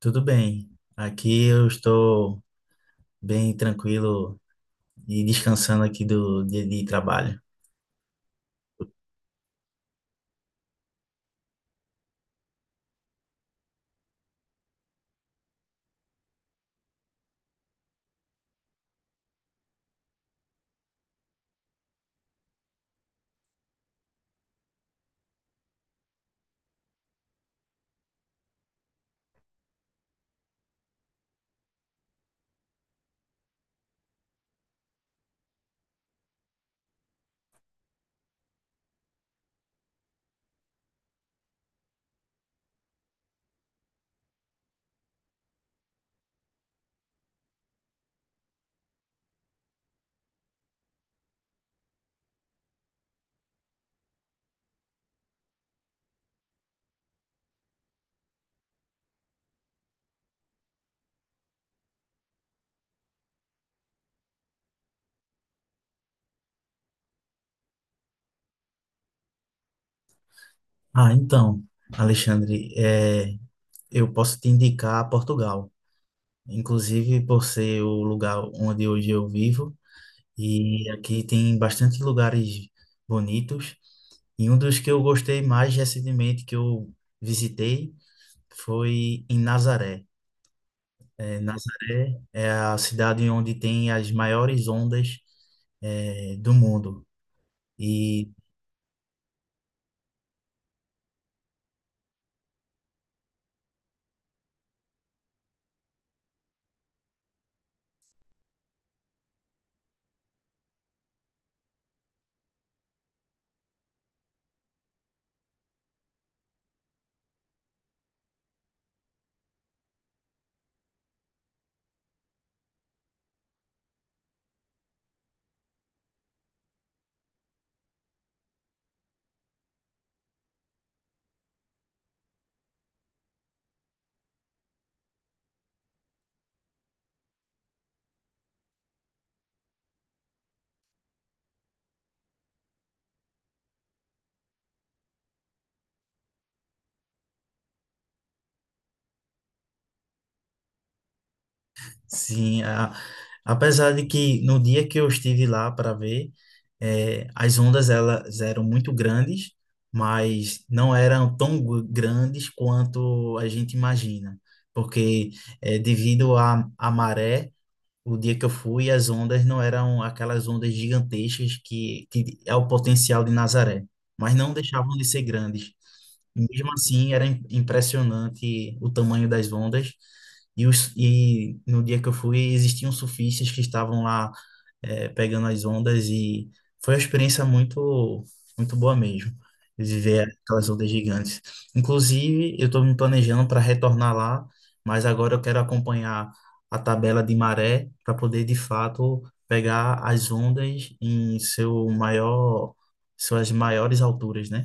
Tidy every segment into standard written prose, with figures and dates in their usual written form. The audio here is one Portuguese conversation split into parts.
Tudo bem. Aqui eu estou bem tranquilo e descansando aqui do dia de trabalho. Então, Alexandre, eu posso te indicar Portugal. Inclusive, por ser o lugar onde hoje eu vivo, e aqui tem bastante lugares bonitos. E um dos que eu gostei mais recentemente que eu visitei foi em Nazaré. Nazaré é a cidade onde tem as maiores ondas, do mundo. E sim, apesar de que no dia que eu estive lá para ver, as ondas elas eram muito grandes, mas não eram tão grandes quanto a gente imagina, porque devido à maré, o dia que eu fui, as ondas não eram aquelas ondas gigantescas que é o potencial de Nazaré, mas não deixavam de ser grandes. Mesmo assim, era impressionante o tamanho das ondas. E, os, e no dia que eu fui, existiam surfistas que estavam lá pegando as ondas e foi uma experiência muito, muito boa mesmo, de ver aquelas ondas gigantes. Inclusive, eu estou me planejando para retornar lá, mas agora eu quero acompanhar a tabela de maré para poder, de fato, pegar as ondas em seu maior, suas maiores alturas, né?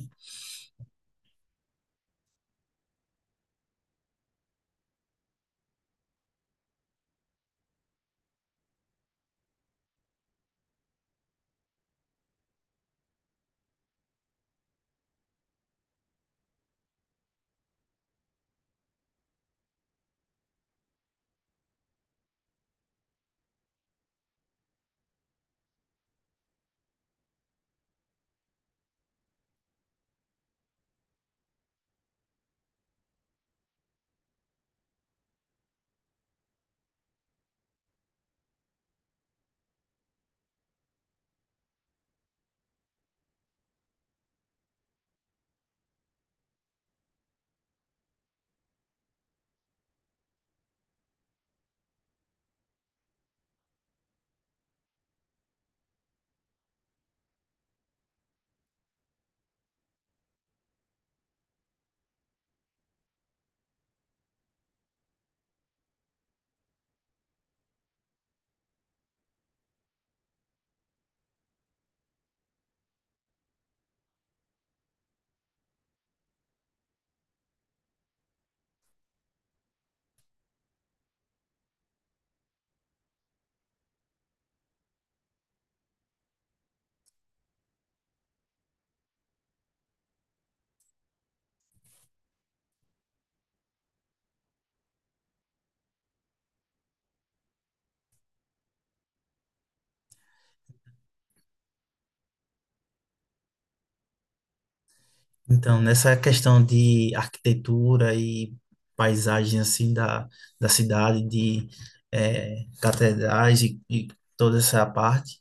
Então, nessa questão de arquitetura e paisagem assim da cidade, de catedrais e toda essa parte,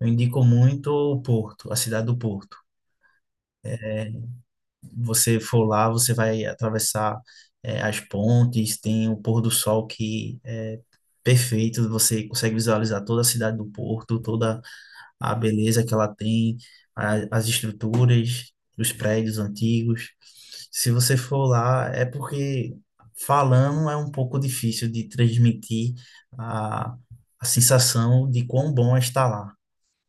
eu indico muito o Porto, a cidade do Porto. Você for lá, você vai atravessar as pontes, tem o pôr do sol que é perfeito, você consegue visualizar toda a cidade do Porto, toda a beleza que ela tem, as estruturas dos prédios antigos. Se você for lá, é porque falando é um pouco difícil de transmitir a, a sensação de quão bom é estar lá.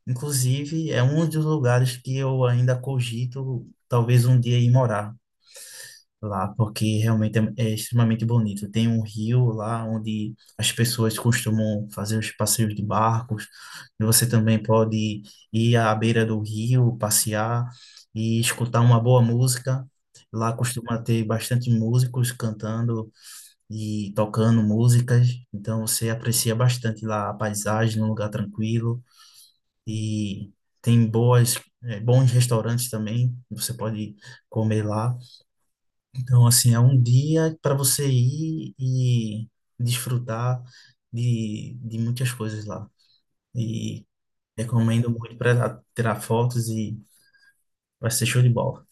Inclusive, é um dos lugares que eu ainda cogito talvez um dia ir morar lá, porque realmente é, é extremamente bonito. Tem um rio lá onde as pessoas costumam fazer os passeios de barcos, e você também pode ir à beira do rio, passear e escutar uma boa música. Lá costuma ter bastante músicos cantando e tocando músicas, então você aprecia bastante lá a paisagem, um lugar tranquilo e tem boas, bons restaurantes também, você pode comer lá. Então, assim, é um dia para você ir e desfrutar de muitas coisas lá. E recomendo muito para tirar fotos e vai ser show de bola.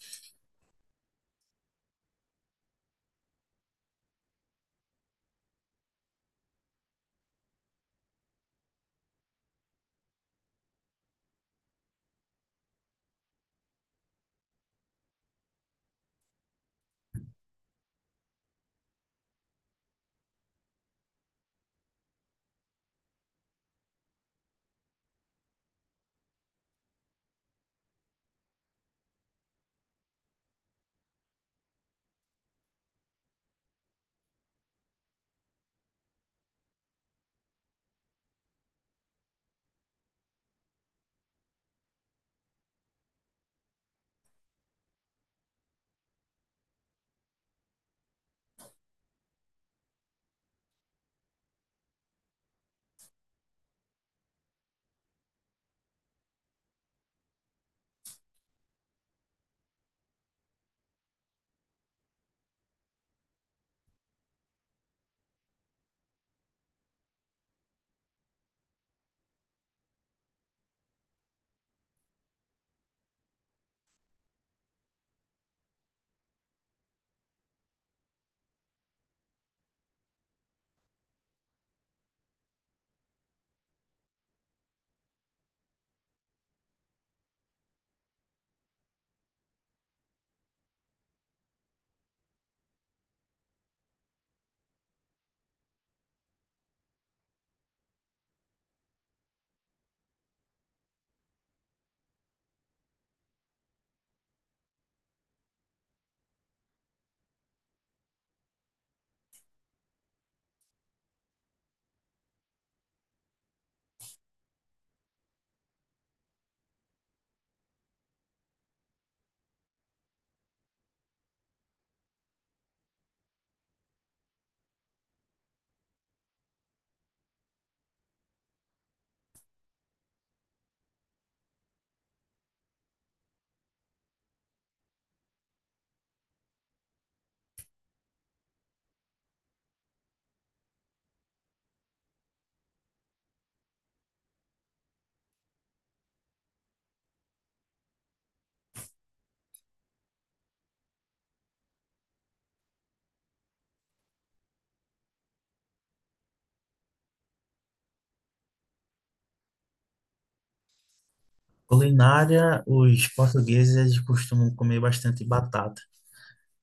Culinária, os portugueses eles costumam comer bastante batata.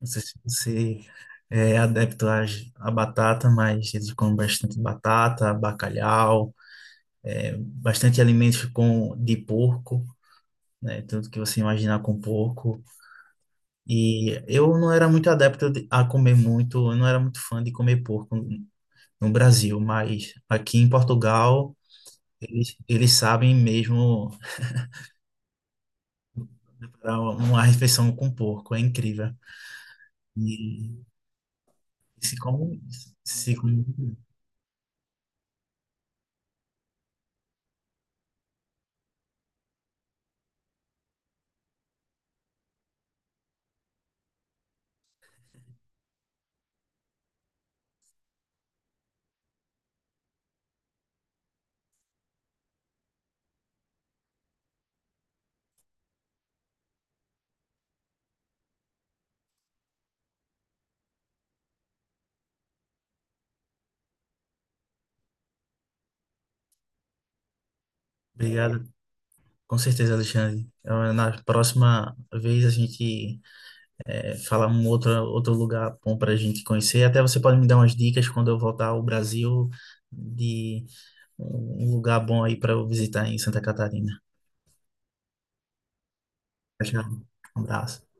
Não sei se você é adepto à batata, mas eles comem bastante batata, bacalhau, bastante alimentos com, de porco, né? Tudo que você imaginar com porco. E eu não era muito adepto a comer muito, eu não era muito fã de comer porco no no Brasil, mas aqui em Portugal eles, eles sabem mesmo preparar uma refeição com porco, é incrível. E se come, se come. Obrigado, com certeza, Alexandre. Eu- Na próxima vez a gente é, fala um outro, outro lugar bom para a gente conhecer. Até você pode me dar umas dicas quando eu voltar ao Brasil. Um lugar bom aí para eu visitar em Santa Catarina. Tchau, tchau. Um abraço.